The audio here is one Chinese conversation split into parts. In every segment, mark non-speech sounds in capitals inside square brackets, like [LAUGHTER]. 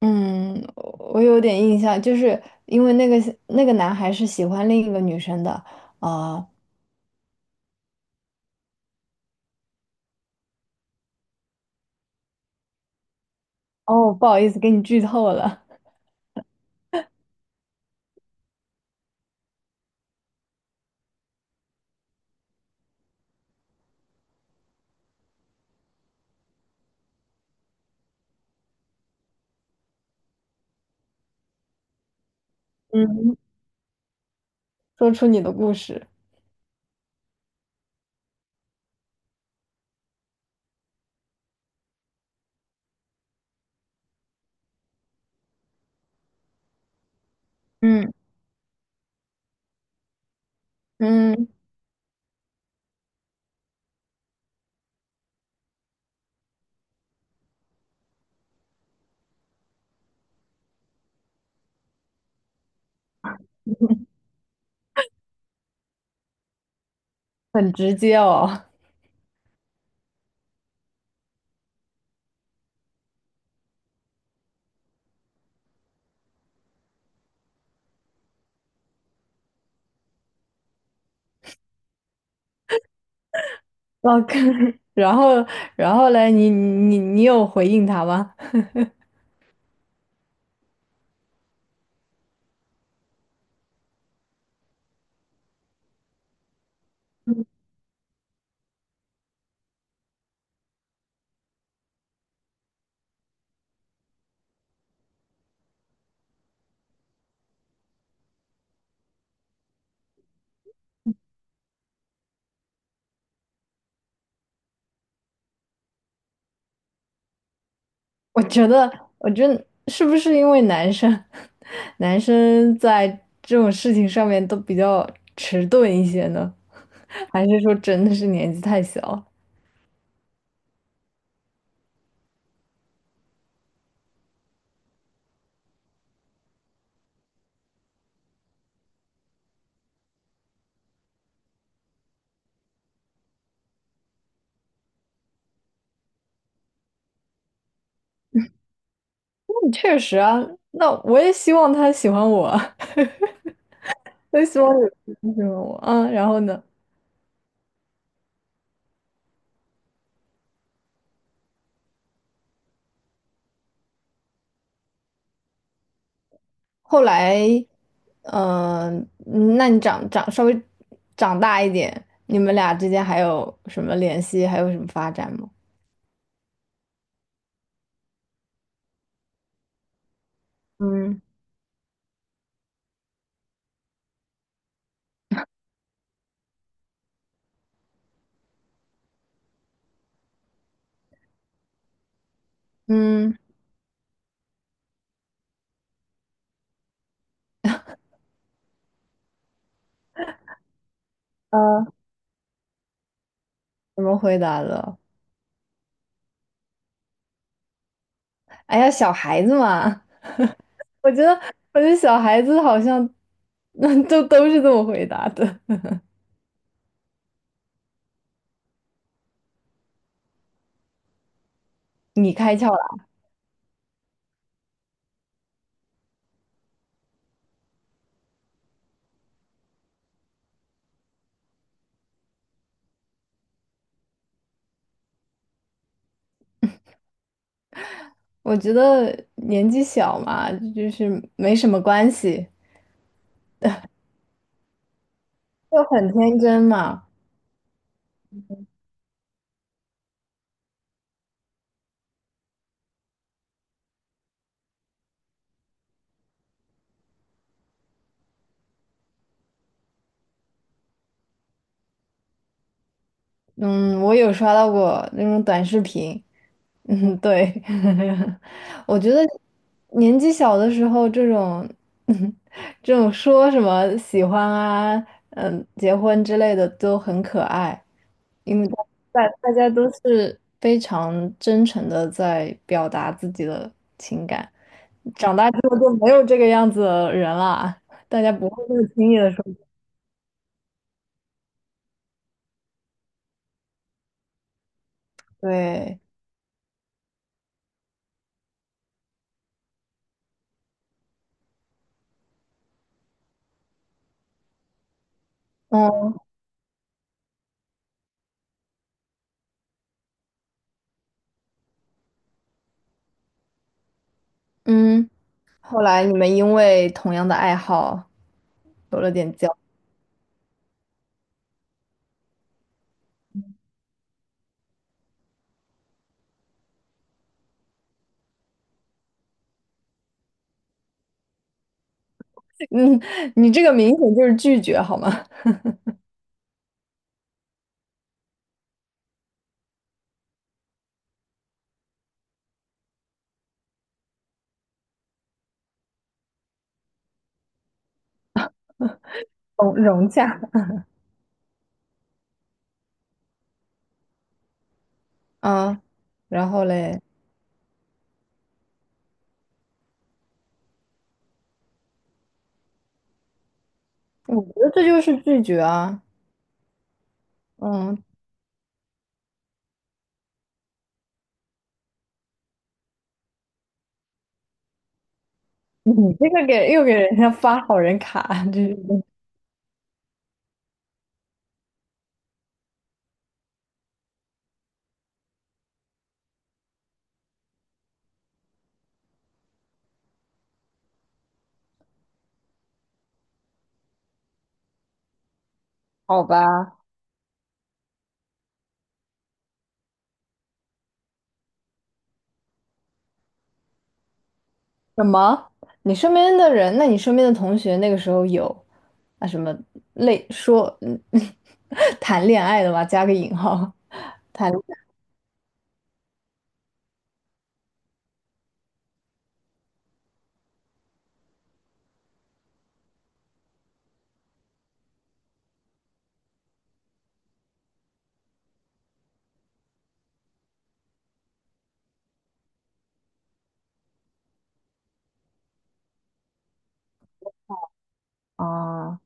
嗯，我有点印象，就是因为那个男孩是喜欢另一个女生的，啊、哦，不好意思，给你剧透了，嗯 [LAUGHS] 说出你的故事，嗯嗯，[LAUGHS] 很直接哦，哦，可 [LAUGHS] 然后然后嘞，你有回应他吗？[LAUGHS] 我觉得，我觉得是不是因为男生 [LAUGHS] 男生在这种事情上面都比较迟钝一些呢？[LAUGHS] 还是说真的是年纪太小？确实啊，那我也希望他喜欢我，[LAUGHS] 我也希望有人喜欢我。嗯，然后呢？后来，嗯、嗯那你长稍微长大一点，你们俩之间还有什么联系，还有什么发展吗？嗯嗯，呃，怎么回答的？哎呀，小孩子嘛，我觉得，我觉得小孩子好像，[LAUGHS] 那都是这么回答的。你开窍了，我觉得年纪小嘛，就是没什么关系。就很天真嘛。嗯，我有刷到过那种短视频。嗯，对，[LAUGHS] 我觉得年纪小的时候，这种说什么喜欢啊，嗯，结婚之类的都很可爱，因为大家都是非常真诚的在表达自己的情感。长大之后就没有这个样子的人了，大家不会那么轻易的说对。嗯。嗯，后来你们因为同样的爱好有了点交，嗯，你这个明显就是拒绝好吗？[LAUGHS] 融洽，啊，然后嘞，我觉得这就是拒绝啊，嗯，[LAUGHS] 你这个给又给人家发好人卡，这是 [LAUGHS] 好吧？什么？你身边的人，那你身边的同学那个时候有啊什么类说嗯 [LAUGHS] 谈恋爱的吧，加个引号谈啊。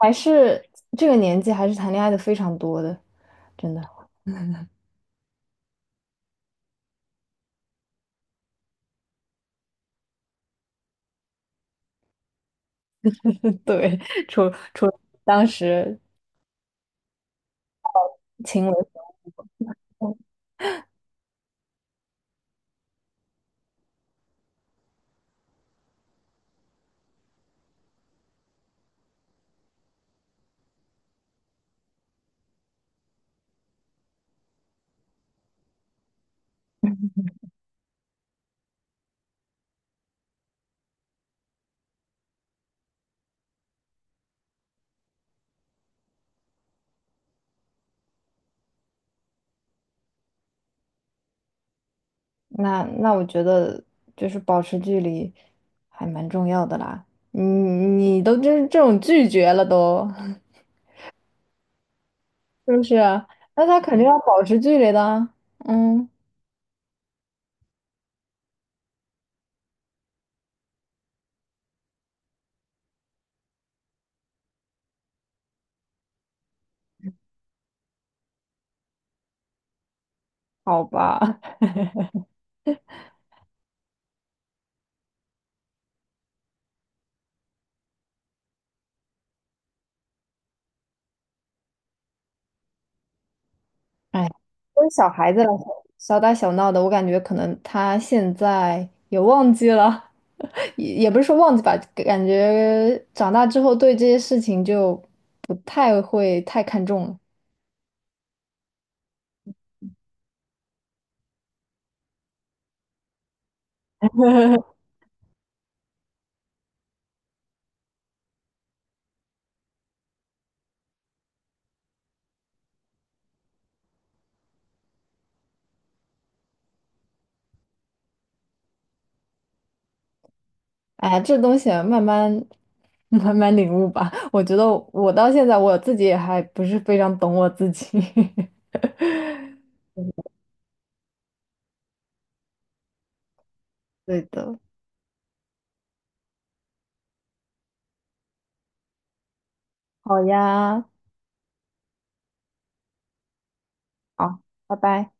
还是这个年纪还是谈恋爱的非常多的，真的。[LAUGHS] 对，除当时情为何物，那我觉得就是保持距离还蛮重要的啦。你都这种拒绝了都，[LAUGHS] 是不是啊？那他肯定要保持距离的啊嗯，好吧。哎，作为小孩子来说，小打小闹的，我感觉可能他现在也忘记了，[LAUGHS] 也不是说忘记吧，感觉长大之后对这些事情就不太会太看重了。哎呀这东西啊慢慢 [LAUGHS] 慢慢领悟吧。我觉得我到现在我自己也还不是非常懂我自己。[LAUGHS] 对的，好呀，好，拜拜。